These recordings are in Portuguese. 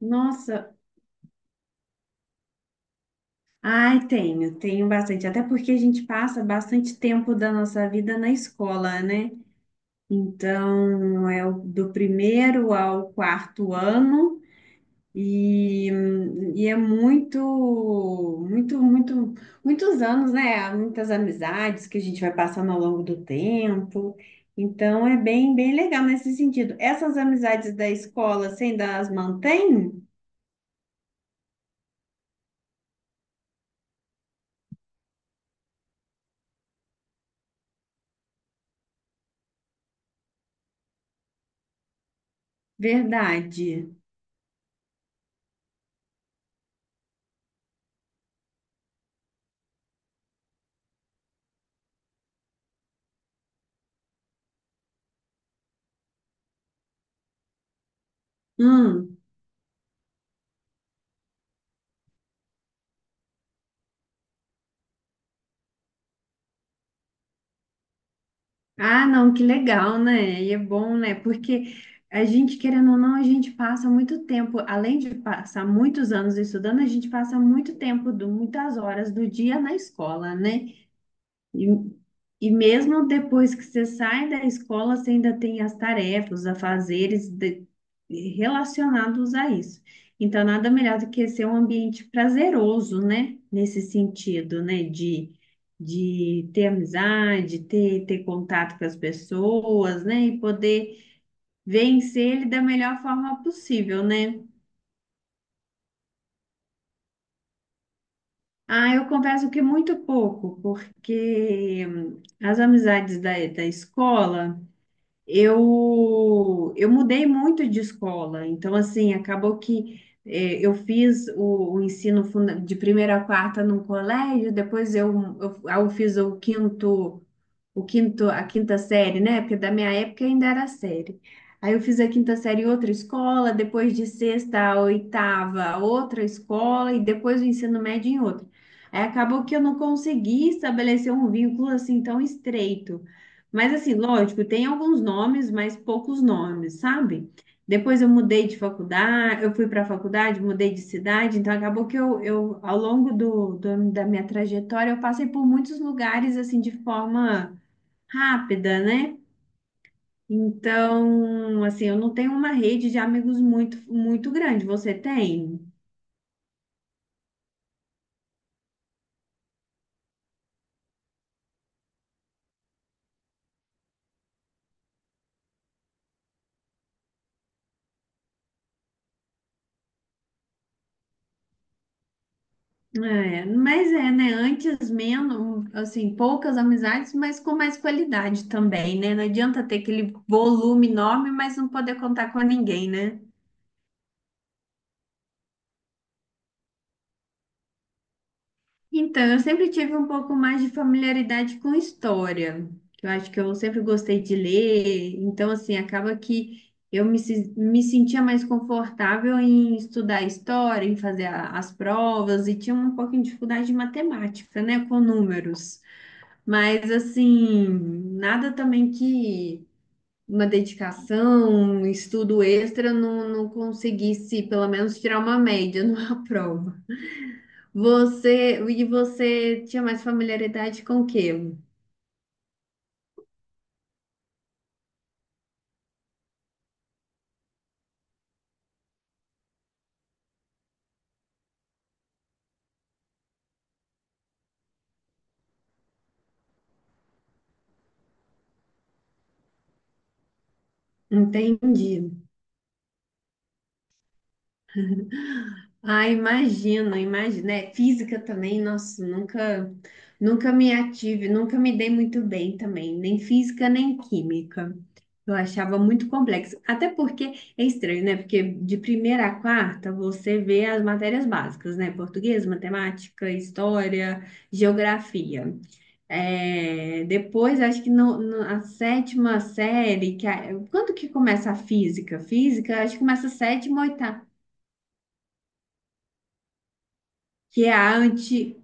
Nossa, ai, tenho bastante. Até porque a gente passa bastante tempo da nossa vida na escola, né? Então, do primeiro ao quarto ano e, e é muitos anos, né? Há muitas amizades que a gente vai passando ao longo do tempo. Então, é bem legal nesse sentido. Essas amizades da escola você ainda as mantém? Verdade. Hum. Ah, não, que legal, né? E é bom, né? Porque a gente, querendo ou não, a gente passa muito tempo, além de passar muitos anos estudando, a gente passa muito tempo, muitas horas do dia na escola, né? E, e mesmo depois que você sai da escola, você ainda tem as tarefas, relacionados a isso. Então, nada melhor do que ser um ambiente prazeroso, né? Nesse sentido, né? De ter amizade, ter contato com as pessoas, né? E poder vencer ele da melhor forma possível, né? Ah, eu confesso que muito pouco, porque as amizades da escola. Eu mudei muito de escola, então assim, acabou que eu fiz o de primeira a quarta num colégio, depois eu fiz o quinto, a quinta série, né? Porque da minha época ainda era série. Aí eu fiz a quinta série em outra escola, depois de sexta a oitava, outra escola e depois o ensino médio em outra. Aí acabou que eu não consegui estabelecer um vínculo assim tão estreito. Mas assim, lógico, tem alguns nomes, mas poucos nomes, sabe? Depois eu mudei de faculdade, eu fui para a faculdade, mudei de cidade, então acabou que eu ao longo da minha trajetória, eu passei por muitos lugares assim de forma rápida, né? Então, assim, eu não tenho uma rede de amigos muito grande. Você tem? É, mas é, né? Antes menos, assim, poucas amizades, mas com mais qualidade também, né? Não adianta ter aquele volume enorme, mas não poder contar com ninguém, né? Então, eu sempre tive um pouco mais de familiaridade com história, que eu acho que eu sempre gostei de ler, então, assim, acaba que eu me, se- me sentia mais confortável em estudar história, em fazer as provas, e tinha um pouquinho de dificuldade de matemática, né, com números. Mas, assim, nada também que uma dedicação, um estudo extra não conseguisse, pelo menos, tirar uma média numa prova. E você tinha mais familiaridade com o quê? Entendi. Ah, imagino. É, física também, nossa, nunca me ative, nunca me dei muito bem também, nem física, nem química. Eu achava muito complexo. Até porque é estranho, né? Porque de primeira a quarta você vê as matérias básicas, né? Português, matemática, história, geografia. É, depois, acho que a sétima série, que quando que começa a física? Física, acho que começa a sétima, oitava, que é a anti,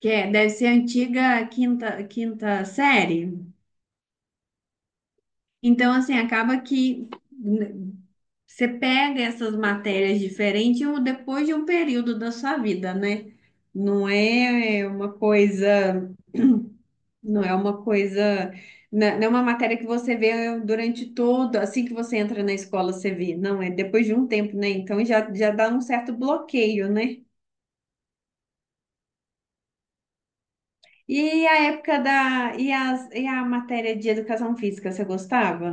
que é, deve ser a antiga quinta, quinta série. Então, assim, acaba que né, você pega essas matérias diferentes depois de um período da sua vida, né? Não é uma coisa. Não é uma coisa, não é uma matéria que você vê durante todo, assim que você entra na escola, você vê. Não, é depois de um tempo, né? Então já dá um certo bloqueio, né? E a época e e a matéria de educação física, você gostava?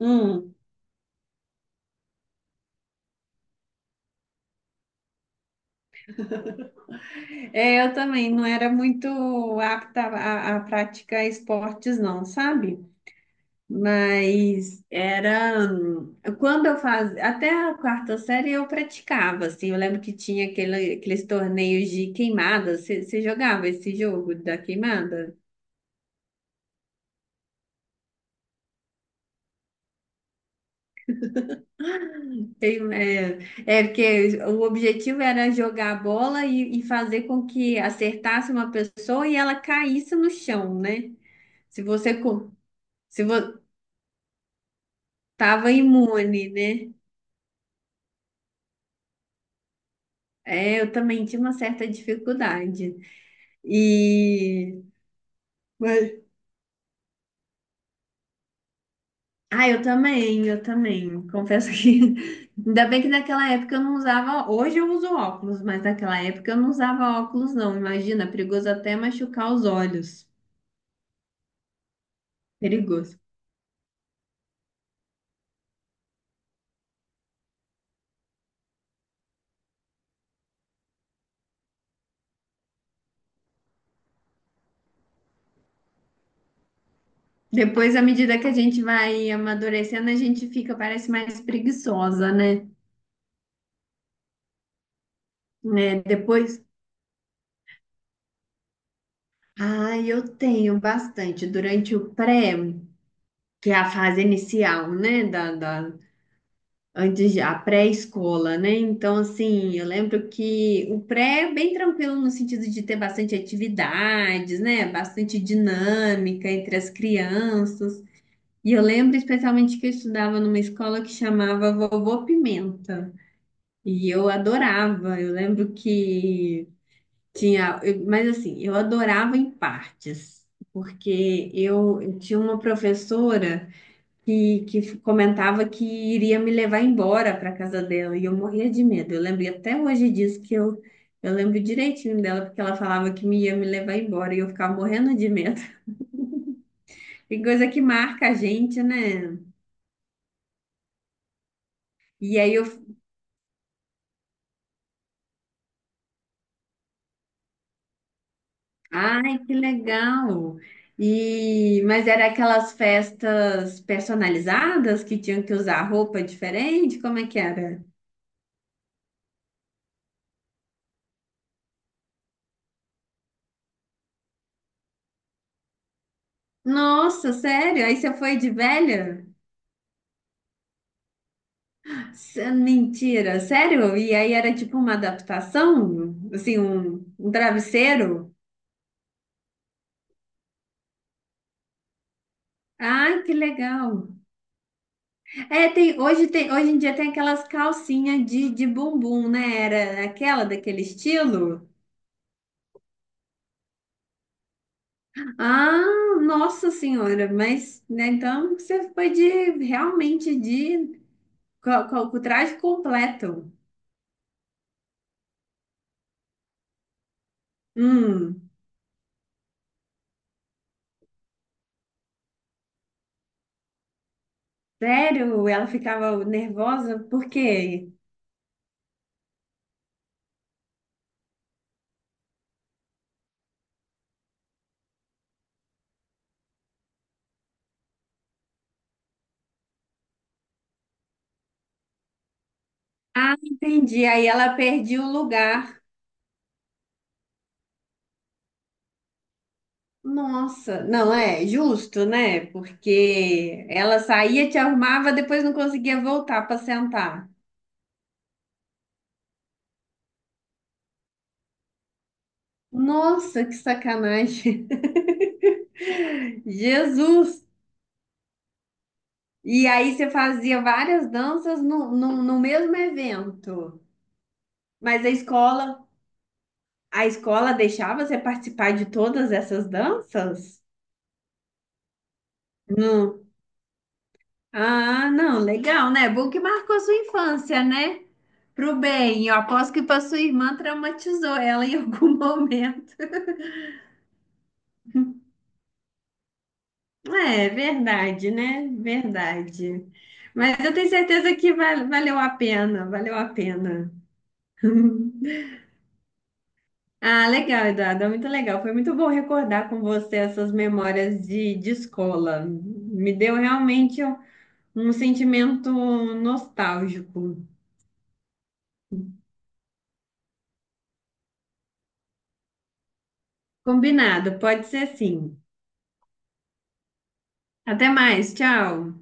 Hum, é, eu também não era muito apta a praticar esportes, não, sabe? Mas era quando eu fazia, até a quarta série eu praticava, assim, eu lembro que tinha aqueles torneios de queimada, você jogava esse jogo da queimada? Tem, é, é porque o objetivo era jogar a bola e fazer com que acertasse uma pessoa e ela caísse no chão, né? Se você co- se vo- tava imune, né? É, eu também tinha uma certa dificuldade. E ah, eu também. Confesso que ainda bem que naquela época eu não usava. Hoje eu uso óculos, mas naquela época eu não usava óculos, não. Imagina, perigoso até machucar os olhos. Perigoso. Depois, à medida que a gente vai amadurecendo, a gente fica, parece mais preguiçosa, né? Né, depois. Ah, eu tenho bastante durante o pré, que é a fase inicial, né? Antes, a pré-escola, né? Então, assim, eu lembro que o pré é bem tranquilo no sentido de ter bastante atividades, né? Bastante dinâmica entre as crianças. E eu lembro especialmente que eu estudava numa escola que chamava Vovô Pimenta. E eu adorava. Eu lembro que mas, assim, eu adorava em partes, porque eu tinha uma professora que comentava que iria me levar embora para casa dela e eu morria de medo. Eu lembro até hoje disso que eu lembro direitinho dela porque ela falava que me ia me levar embora e eu ficava morrendo de medo. Tem coisa que marca a gente, né? E aí eu, ai, que legal. E mas era aquelas festas personalizadas que tinham que usar roupa diferente, como é que era? Nossa, sério? Aí você foi de velha? Mentira, sério? E aí era tipo uma adaptação? Assim, um travesseiro? Ah, que legal. É, hoje em dia tem aquelas calcinhas de bumbum, né? Era aquela daquele estilo? Ah, nossa senhora, mas, né, então você foi de, realmente de, co- co- com o traje completo. Hum, sério? Ela ficava nervosa? Por quê? Ah, entendi. Aí ela perdia o lugar. Nossa, não é justo, né? Porque ela saía, te arrumava, depois não conseguia voltar para sentar. Nossa, que sacanagem. Jesus! E aí você fazia várias danças no mesmo evento. Mas a escola, a escola deixava você participar de todas essas danças? Não. Ah, não, legal, né? Bom que marcou sua infância, né? Pro bem, eu aposto que para sua irmã traumatizou ela em algum momento. É, verdade, né? Verdade. Mas eu tenho certeza que valeu a pena, valeu a pena. Ah, legal, Eduardo, muito legal. Foi muito bom recordar com você essas memórias de escola. Me deu realmente um um sentimento nostálgico. Combinado, pode ser sim. Até mais, tchau.